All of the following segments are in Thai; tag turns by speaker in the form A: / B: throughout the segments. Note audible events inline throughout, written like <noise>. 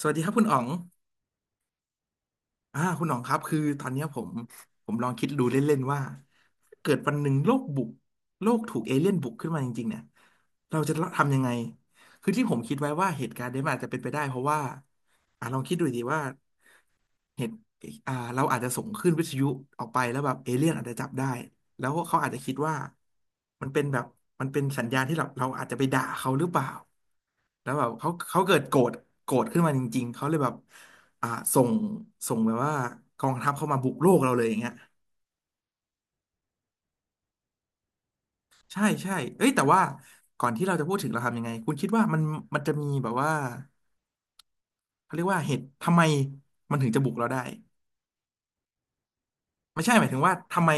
A: สวัสดีครับคุณอ๋องคุณอ๋องครับคือตอนเนี้ยผมลองคิดดูเล่นๆว่าเกิดวันหนึ่งโลกบุกโลกถูกเอเลี่ยนบุกขึ้นมาจริงๆเนี่ยเราจะทำยังไงคือที่ผมคิดไว้ว่าเหตุการณ์นี้มันอาจจะเป็นไปได้เพราะว่าลองคิดดูดีว่า เห็นเราอาจจะส่งขึ้นวิทยุออกไปแล้วแบบเอเลี่ยนอาจจะจับได้แล้วเขาอาจจะคิดว่ามันเป็นแบบมันเป็นสัญญาณที่เราอาจจะไปด่าเขาหรือเปล่าแล้วแบบเขาเกิดโกรธโกรธขึ้นมาจริงๆเขาเลยแบบอ่าส่งส่งแบบว่ากองทัพเข้ามาบุกโลกเราเลยอย่างเงี้ยใช่ใช่เอ้ยแต่ว่าก่อนที่เราจะพูดถึงเราทำยังไงคุณคิดว่ามันจะมีแบบว่าเขาเรียกว่าเหตุทำไมมันถึงจะบุกเราได้ ไม่ใช่หมายถึงว่าทำไม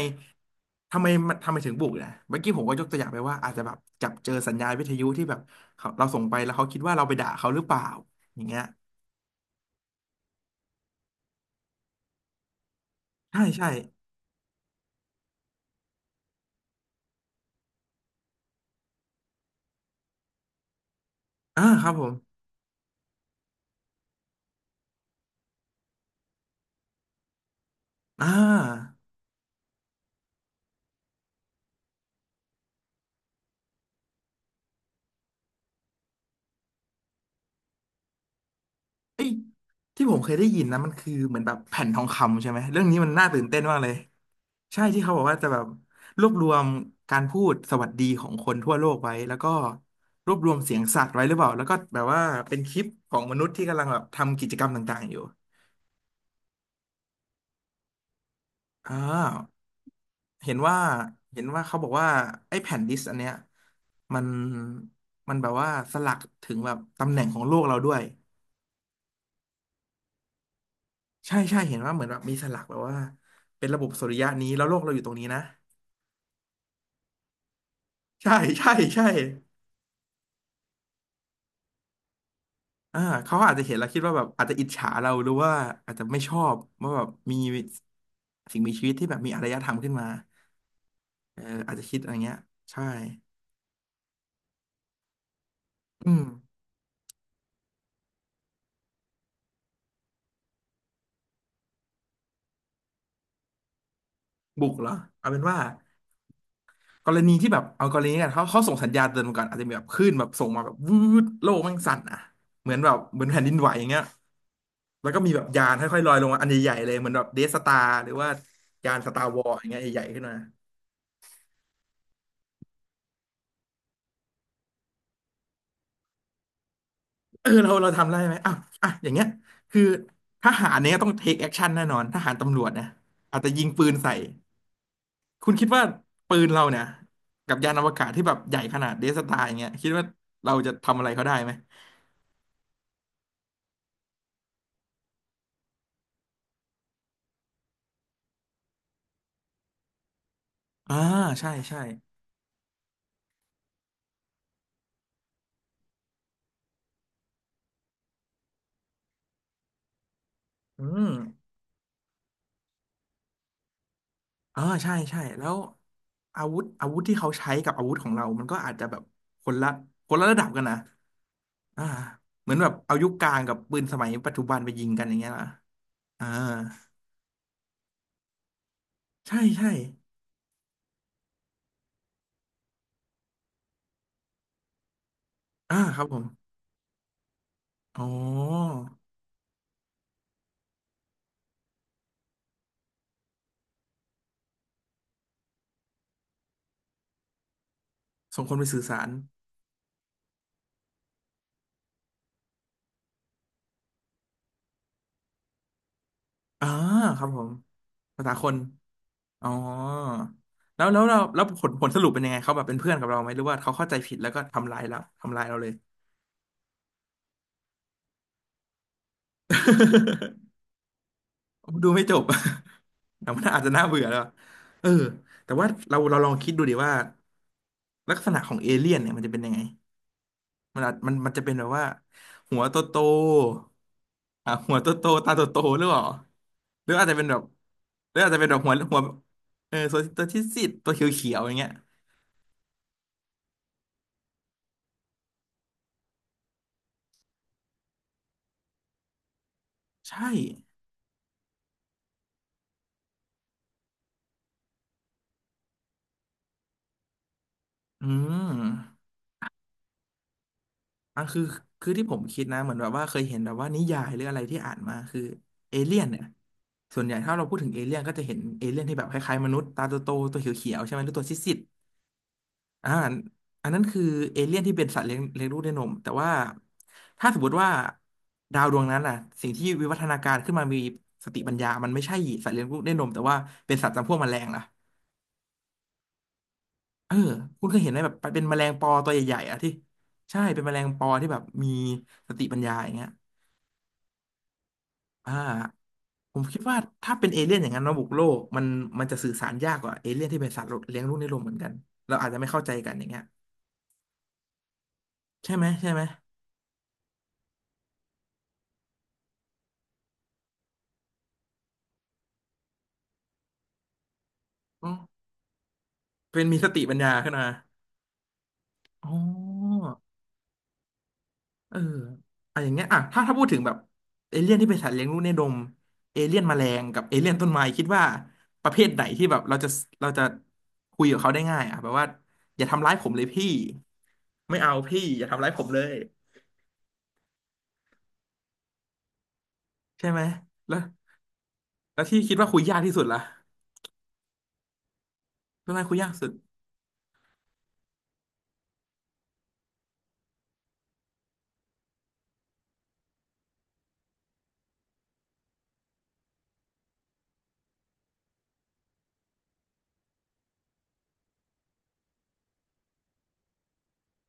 A: ทำไมมันทำไมถึงบุกนะเมื่อกี้ผมก็ยกตัวอย่างไปว่าอาจจะแบบจับเจอสัญญาณวิทยุที่แบบเขาเราส่งไปแล้วเขาคิดว่าเราไปด่าเขาหรือเปล่าอย่างเงี้ยใช่ใช่อ่าครับผมอ่าเอ้ยที่ผมเคยได้ยินนะมันคือเหมือนแบบแผ่นทองคำใช่ไหมเรื่องนี้มันน่าตื่นเต้นมากเลยใช่ที่เขาบอกว่าจะแบบรวบรวมการพูดสวัสดีของคนทั่วโลกไว้แล้วก็รวบรวมเสียงสัตว์ไว้หรือเปล่าแล้วก็แบบว่าเป็นคลิปของมนุษย์ที่กำลังแบบทำกิจกรรมต่างๆอยู่อ่า เห็นว่าเห็นว่าเขาบอกว่าไอ้แผ่นดิสก์อันเนี้ยมันมันแบบว่าสลักถึงแบบตำแหน่งของโลกเราด้วยใช่ใช่เห็นว่าเหมือนแบบมีสลักแบบว่าเป็นระบบสุริยะนี้แล้วโลกเราอยู่ตรงนี้นะใช่ใช่ใช่อ่าเขาอาจจะเห็นแล้วคิดว่าแบบอาจจะอิจฉาเราหรือว่าอาจจะไม่ชอบว่าแบบมีสิ่งมีชีวิตที่แบบมีอารยธรรมขึ้นมาเอออาจจะคิดอะไรเงี้ยใช่อืมบุกเหรอเอาเป็นว่า กรณีที่แบบเอากรณีกันเขาส่งสัญญาณเตือนมาก่อนอาจจะมีแบบคลื่นแบบส่งมาแบบวืดโลกแม่งสั่นอ่ะเหมือนแบบเหมือนแผ่นดินไหวอย่างเงี้ยแล้วก็มีแบบยานค่อยๆลอยลงมาอันใหญ่ๆเลยเหมือนแบบเดสตาร์หรือว่ายานสตาร์วอร์อย่างเงี้ยใหญ่ๆขึ้นมาเออเราทำได้ไหมอ่ะอ่ะอย่างเงี้ยคือทหารเนี่ยต้องเทคแอคชั่นแน่นอนทหารตำรวจนะอาจจะยิงปืนใส่คุณคิดว่าปืนเราเนี่ยกับยานอวกาศที่แบบใหญ่ขนาดเดสตาร์อย่างเงี้ยคิดว่าเราจะทำอะไรเขาได้ไหมอ่าใช่ใช่อืม เออใช่ใช่แล้วอาวุธอาวุธที่เขาใช้กับอาวุธของเรา มันก็อาจจะแบบคนละคนละระดับกันนะอ่าเหมือนแบบเอายุคกลางกับปืนสมัยปัจจุบันไปยิงกันอย่างเงี้ยล่ะอ่าใช่ใช่อ่าครับผมอ๋อส่งคนไปสื่อสารอ่าครับผมภาษาคนอ๋อแล้วแล้วเราแล้วผลสรุปเป็นยังไงเขาแบบเป็นเพื่อนกับเราไหมหรือว่าเขาเข้าใจผิดแล้วก็ทำร้ายเราทำร้ายเราเลย <laughs> ดูไม่จบ แต่ว่า <laughs> อาจจะน่าเบื่อแล้วเออแต่ว่าเราลองคิดดูดิว่าลักษณะของเอเลี่ยนเนี่ยมันจะเป็นยังไง มันจะเป็นแบบว่าหัวโตโตอ่ะหัวโตโตตาโตโตหรือเปล่าหรืออาจจะเป็นแบบหรืออาจจะเป็นแบบหัวหัวเออตัวที่สิบตัวเขียวๆอย่างเงี้ยใช่อืม อ่ะคือคือที่ผมคิดนะเหมือนแบบว่าเคยเห็นแบบว่านิยายหรืออะไรที่อ่านมา คือเอเลี่ยนเนี่ยส่วนใหญ่ถ้าเราพูดถึงเอเลี่ยนก็จะเห็นเอเลี่ยนที่แบบคล้ายๆมนุษย์ตาโตๆตัวเขียวๆใช่ไหมหรือตัวซีดๆอ่าอันนั้นคือเอเลี่ยนที่เป็นสัตว์เลี้ยงลูกด้วยนม แต่ว่าถ้าสมมติว่าดาวดวงนั้นอ่ะสิ่งที่วิวัฒนาการขึ้นมามีสติปัญญามันไม่ใช่สัตว์เลี้ยงลูกด้วยนมแต่ว่าเป็นสัตว์จำพวกแมลงล่ะเออคุณเคยเห็นไหมแบบเป็นแมลงปอตัวใหญ่ๆอ่ะที่ใช่เป็นแมลงปอที่แบบมีสติปัญญาอย่างเงี้ย อ่าผมคิดว่าถ้าเป็นเอเลี่ยนอย่างนั้นมาบุกโลกมันจะสื่อสารยากกว่าเอเลี่ยนที่เป็นสัตว์เลี้ยงลูกในโลกเหมือนกันเราอาจจะไม่เข้าใจกันอย่างเงี้ยใช่ไหมใช่ไหมอ๋อเป็นมีสติปัญญาขึ้นมาอ๋อเอออ่ะอย่างเงี้ยอ่ะถ้าพูดถึงแบบเอเลี่ยนที่เป็นสัตว์เลี้ยงลูกในดมเอเลี่ยนแมลงกับเอเลี่ยนต้นไม้คิดว่าประเภทไหนที่แบบเราจะคุยกับเขาได้ง่ายอ่ะแบบว่าอย่าทำร้ายผมเลยพี่ไม่เอาพี่อย่าทำร้ายผมเลยใช่ไหมแล้วแล้วที่คิดว่าคุยยากที่สุดล่ะ พืชไม้คุยยากสุด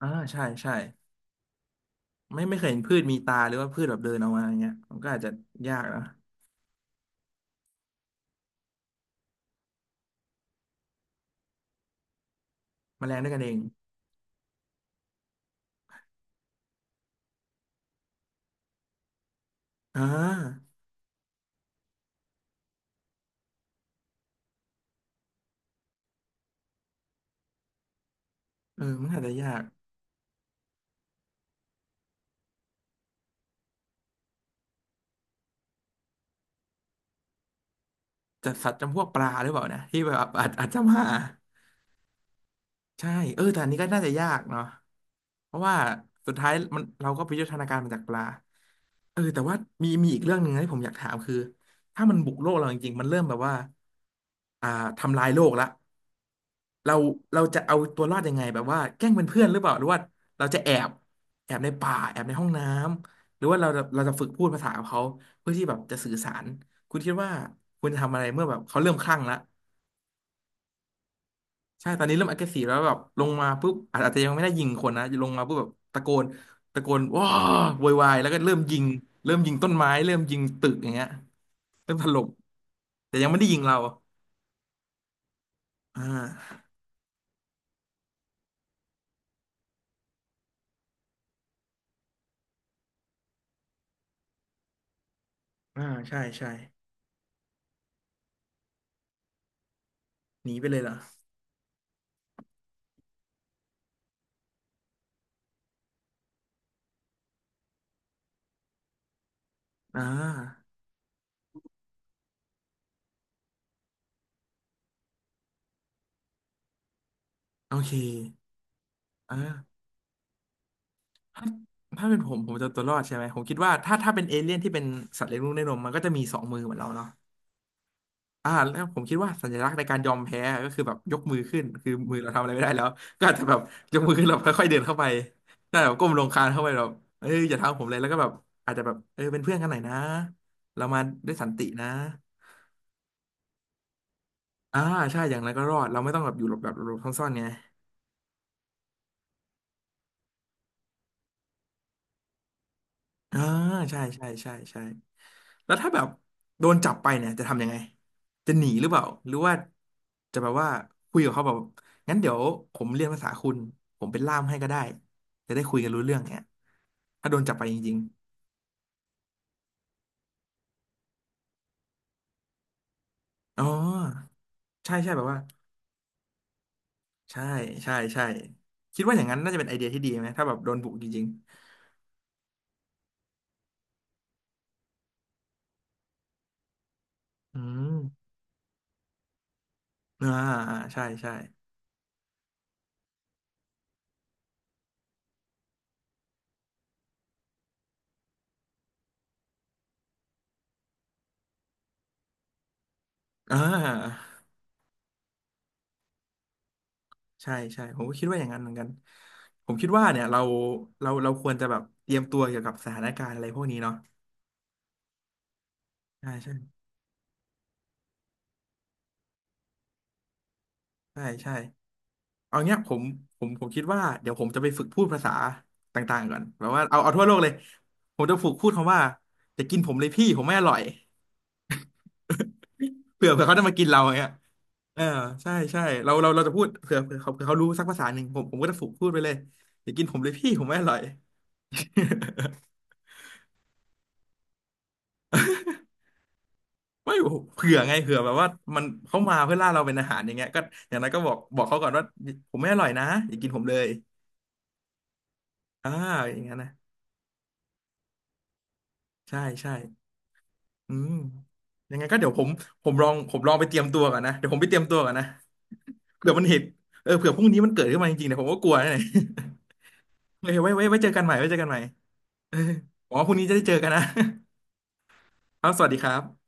A: อ่าใช่ใช่ไม่เคยเห็นพืชมีตาหรือว่าพืชแบบเดินออกมาอย่างเงี้ยมันก็อาจจะยากนะแมลงด้วยกันเองอ่าเออมันอาจจะยากจะสัตว์จำพวกปลาหรือเปล่านะที่แบบอาจจะมา ใช่เออแต่อันนี้ก็น่าจะยากเนาะเพราะว่าสุดท้ายมันเราก็ไปยุทธนาการมาจากปลาเออแต่ว่ามีอีกเรื่องหนึ่งนะที่ผมอยากถามคือถ้ามันบุกโลกเราจริงๆมันเริ่มแบบว่าอ่าทำลายโลกละเราเราจะเอาตัวรอดยังไงแบบว่าแกล้งเป็นเพื่อนหรือเปล่าหรือว่าเราจะแอบแอบในป่าแอบในห้องน้ำหรือว่าเราจะฝึกพูดภาษากับเขาเพื่อที่แบบจะสื่อสารคุณคิดว่าคุณจะทำอะไรเมื่อแบบเขาเริ่มคลั่งละ ใช่ตอนนี้เริ่ม aggressive แล้วแบบลงมาปุ๊บอาจจะยังไม่ได้ยิงคนนะลงมาปุ๊บแบบตะโกนตะโกนว้าโวยวายแล้วก็เริ่มยิงเริ่มยิงต้นไม้ เริ่มยิงตึกอย่างเงี้ยเริ่มถล่มแต่ยังไม่ได้ยิงเราอ่าอ่าใช่ใช่หนีไปเลยเหรออ่าโอเคอ่าถ้าถ้าเป็นผมจะเอาตัวรอดใช่ไหม ผมคิดว่าถ้าเป็นเอเลี่ยนที่เป็นสัตว์เลี้ยงลูกด้วยนมมันก็จะมีสองมือเหมือนเราเนาะ อ่าแล้วผมคิดว่าสัญลักษณ์ในการยอมแพ้ก็คือแบบยกมือขึ้นคือมือเราทำอะไรไม่ได้แล้วก็อาจจะแบบยกมือขึ้นเราค่อยๆเดินเข้าไปได้แบบก้มลงคลานเข้าไปแบบเอ้ยอย่าทำผมเลยแล้วก็แบบอาจจะแบบเออเป็นเพื่อนกันหน่อยนะเรามาด้วยสันตินะอ่าใช่อย่างไรก็รอดเราไม่ต้องแบบอยู่หลบแบบหลบซ่อนๆไง อ่าใช่ใช่ใช่ใช่แล้วถ้าแบบโดนจับไปเนี่ยจะทำยังไงจะหนีหรือเปล่าหรือว่าจะแบบว่าคุยกับเขาแบบงั้นเดี๋ยวผมเรียนภาษาคุณผมเป็นล่ามให้ก็ได้จะได้คุยกันรู้เรื่องเนี่ยถ้าโดนจับไปจริงๆอ๋อใช่ใช่แบบว่าใช่ใช่ใช่คิดว่าอย่างนั้นน่าจะเป็นไอเดียที่ดีไหมถ้าแบบโดนบุกจริงๆอืมอ่าอ่าใช่ใช่อ่า ใช่ใช่ผมก็คิดว่าอย่างนั้นเหมือนกันผมคิดว่าเนี่ยเราควรจะแบบเตรียมตัวเกี่ยวกับสถานการณ์อะไรพวกนี้เนาะใช่ใช่ใช่ใช่เอาเนี้ยผมผมคิดว่าเดี๋ยวผมจะไปฝึกพูดภาษาต่างๆก่อนแบบว่าเอาทั่วโลกเลยผมจะฝึกพูดคำว่าอยากินผมเลยพี่ผมไม่อร่อยเผื่อเขาจะมากินเราอย่างเงี้ยเออใช่ใช่เราจะพูดเผื่อเขาเผื่อเขารู้สักภาษาหนึ่งผมก็จะฝึกพูดไปเลยอย่ากินผมเลยพี่ผมไม่อร่อย <laughs> ไม่เผื่อไงเผื่อแบบว่ามันเขามาเพื่อล่าเราเป็นอาหารอย่างเงี้ยก็อย่างนั้นก็บอกเขาก่อนว่าผมไม่อร่อยนะอย่ากินผมเลยอ่าอย่างงั้นนะใช่ใช่อืมยังไงก็เดี๋ยวผมลองลองไปเตรียมตัวก่อนนะเดี๋ยวผมไปเตรียมตัวก่อนนะเผื่อมันเหตุเออเผื่อพรุ่งนี้มันเกิดขึ้นมาจริงๆเนี่ยผมก็กลัวนะเนี่ย <laughs> เฮ้ยไว้ไว้เจอกันใหม่ไว้เจอกันใหม่เออหวัาพรุ่งนี้จะได้เจอกันนะ <laughs> ครับสวัสดีครับ